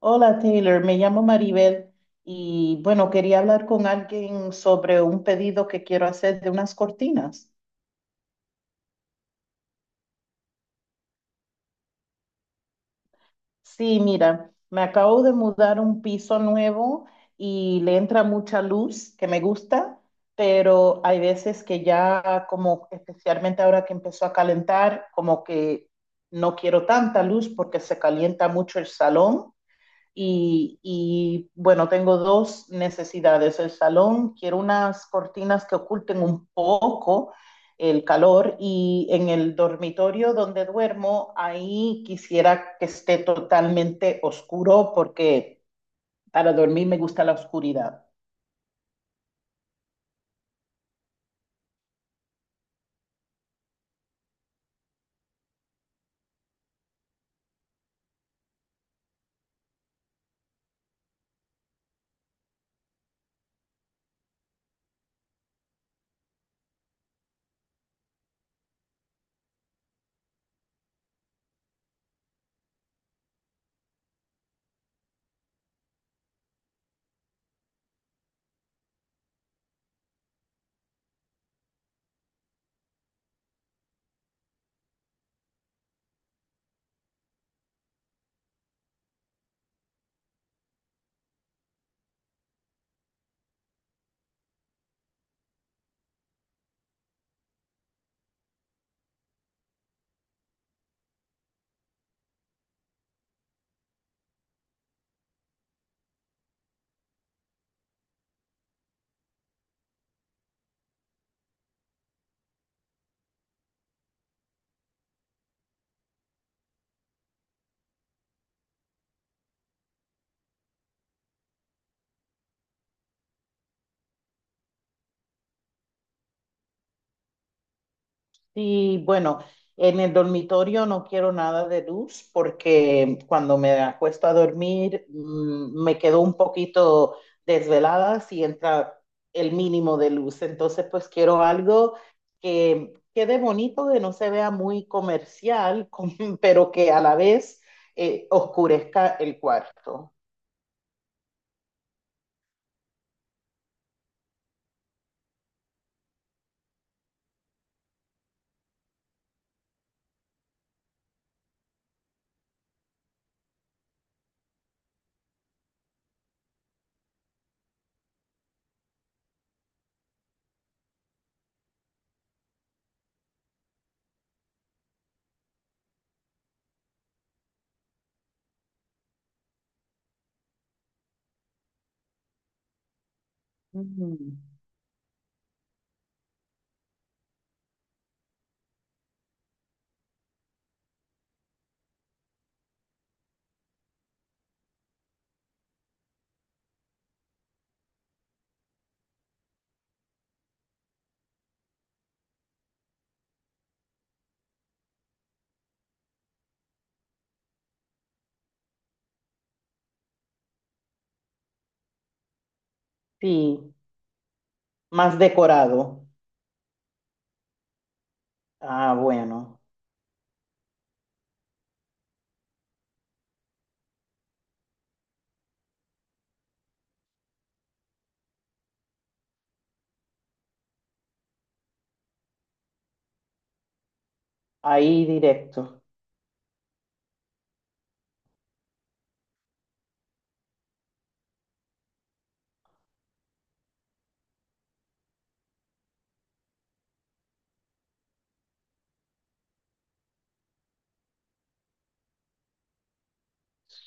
Hola Taylor, me llamo Maribel y bueno, quería hablar con alguien sobre un pedido que quiero hacer de unas cortinas. Sí, mira, me acabo de mudar a un piso nuevo y le entra mucha luz que me gusta, pero hay veces que ya como especialmente ahora que empezó a calentar, como que no quiero tanta luz porque se calienta mucho el salón. Bueno, tengo dos necesidades. El salón, quiero unas cortinas que oculten un poco el calor y en el dormitorio donde duermo, ahí quisiera que esté totalmente oscuro porque para dormir me gusta la oscuridad. Sí, bueno, en el dormitorio no quiero nada de luz porque cuando me acuesto a dormir me quedo un poquito desvelada si entra el mínimo de luz. Entonces, pues quiero algo que quede bonito, que no se vea muy comercial, pero que a la vez oscurezca el cuarto. Mm. Sí, más decorado. Ah, bueno, ahí directo.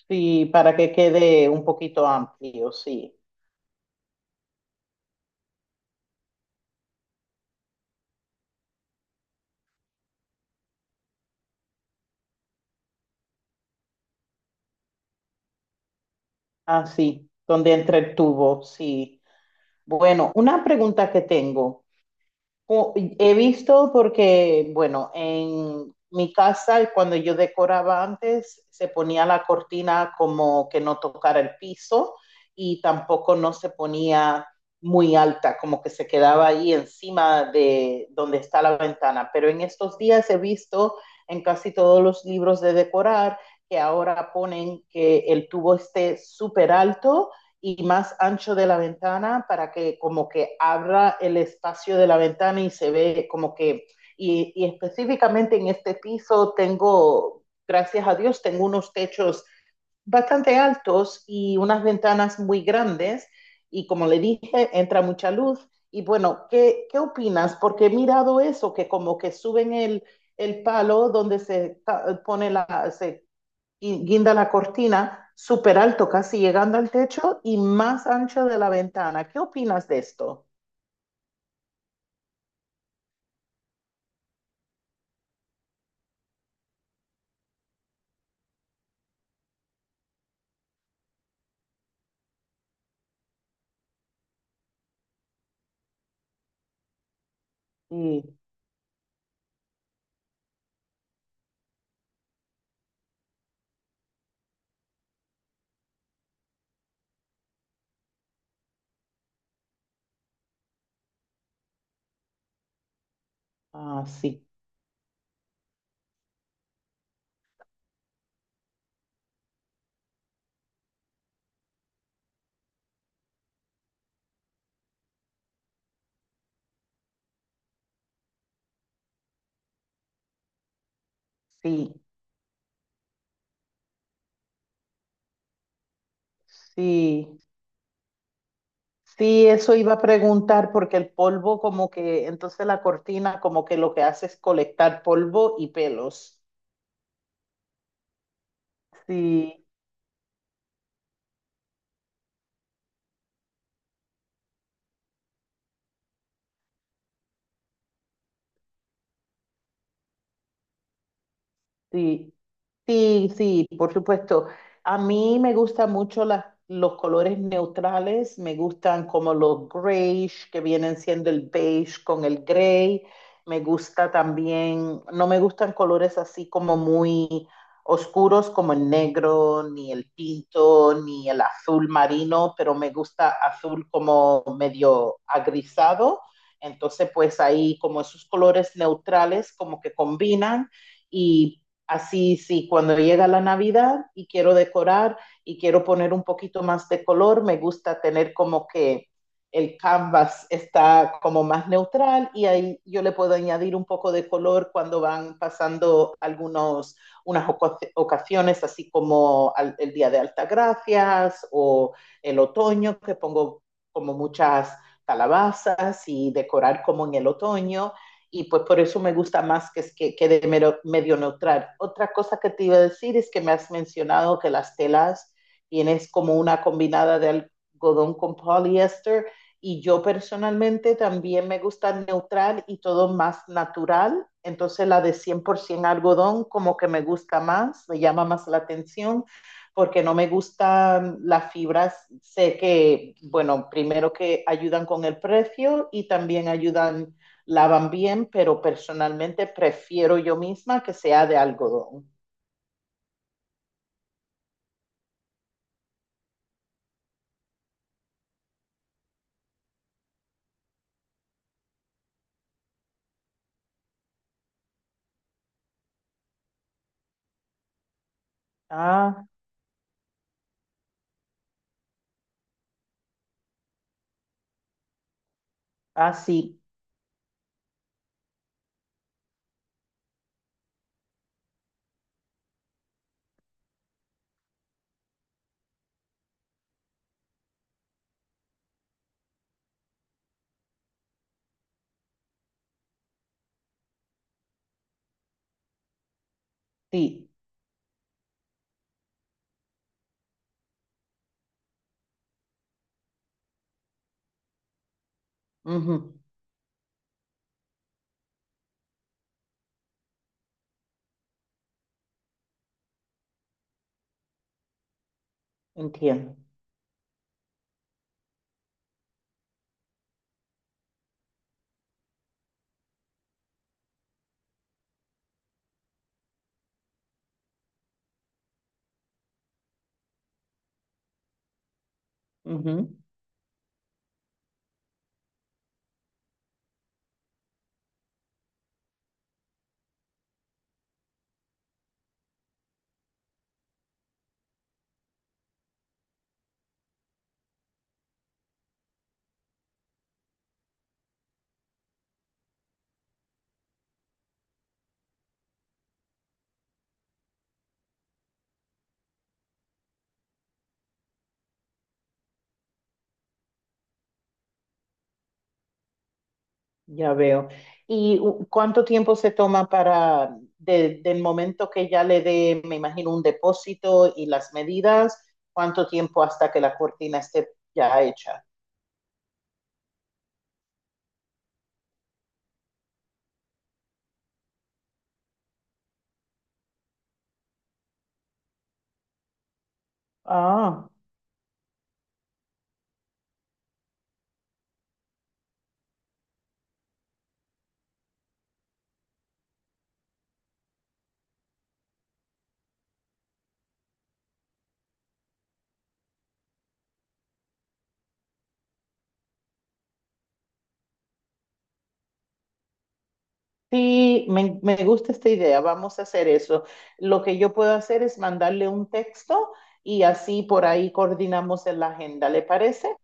Sí, para que quede un poquito amplio, sí. Así, donde entre el tubo, sí. Bueno, una pregunta que tengo. He visto porque, bueno, en mi casa, cuando yo decoraba antes, se ponía la cortina como que no tocara el piso y tampoco no se ponía muy alta, como que se quedaba ahí encima de donde está la ventana. Pero en estos días he visto en casi todos los libros de decorar que ahora ponen que el tubo esté súper alto y más ancho de la ventana para que como que abra el espacio de la ventana y se ve como que, y específicamente en este piso tengo, gracias a Dios, tengo unos techos bastante altos y unas ventanas muy grandes y como le dije, entra mucha luz. Y bueno, ¿qué, qué opinas? Porque he mirado eso, que como que suben el palo donde se pone la, se y guinda la cortina súper alto, casi llegando al techo y más ancho de la ventana. ¿Qué opinas de esto? Sí, ah, sí, sí, sí. Sí, eso iba a preguntar porque el polvo como que, entonces la cortina como que lo que hace es colectar polvo y pelos. Sí, sí. Sí, sí, por supuesto. A mí me gustan mucho los colores neutrales, me gustan como los grayish, que vienen siendo el beige con el gray. Me gusta también, no me gustan colores así como muy oscuros como el negro, ni el tinto, ni el azul marino, pero me gusta azul como medio agrisado. Entonces, pues ahí como esos colores neutrales como que combinan y así, sí, cuando llega la Navidad y quiero decorar y quiero poner un poquito más de color, me gusta tener como que el canvas está como más neutral y ahí yo le puedo añadir un poco de color cuando van pasando algunos, ocasiones, así como el Día de Altagracias o el otoño, que pongo como muchas calabazas y decorar como en el otoño y pues por eso me gusta más que de medio neutral. Otra cosa que te iba a decir es que me has mencionado que las telas tienes como una combinada de algodón con poliéster y yo personalmente también me gusta neutral y todo más natural. Entonces la de 100% algodón como que me gusta más, me llama más la atención porque no me gustan las fibras. Sé que, bueno, primero que ayudan con el precio y también ayudan lavan bien, pero personalmente prefiero yo misma que sea de algodón. Ah, ah, sí, sí. Ujú. Entiendo. Ujú. Ya veo. ¿Y cuánto tiempo se toma para, del momento que ya le dé, me imagino, un depósito y las medidas, cuánto tiempo hasta que la cortina esté ya hecha? Ah. Sí, me gusta esta idea, vamos a hacer eso. Lo que yo puedo hacer es mandarle un texto y así por ahí coordinamos en la agenda, ¿le parece?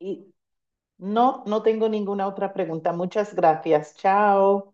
Y no, no tengo ninguna otra pregunta. Muchas gracias. Chao.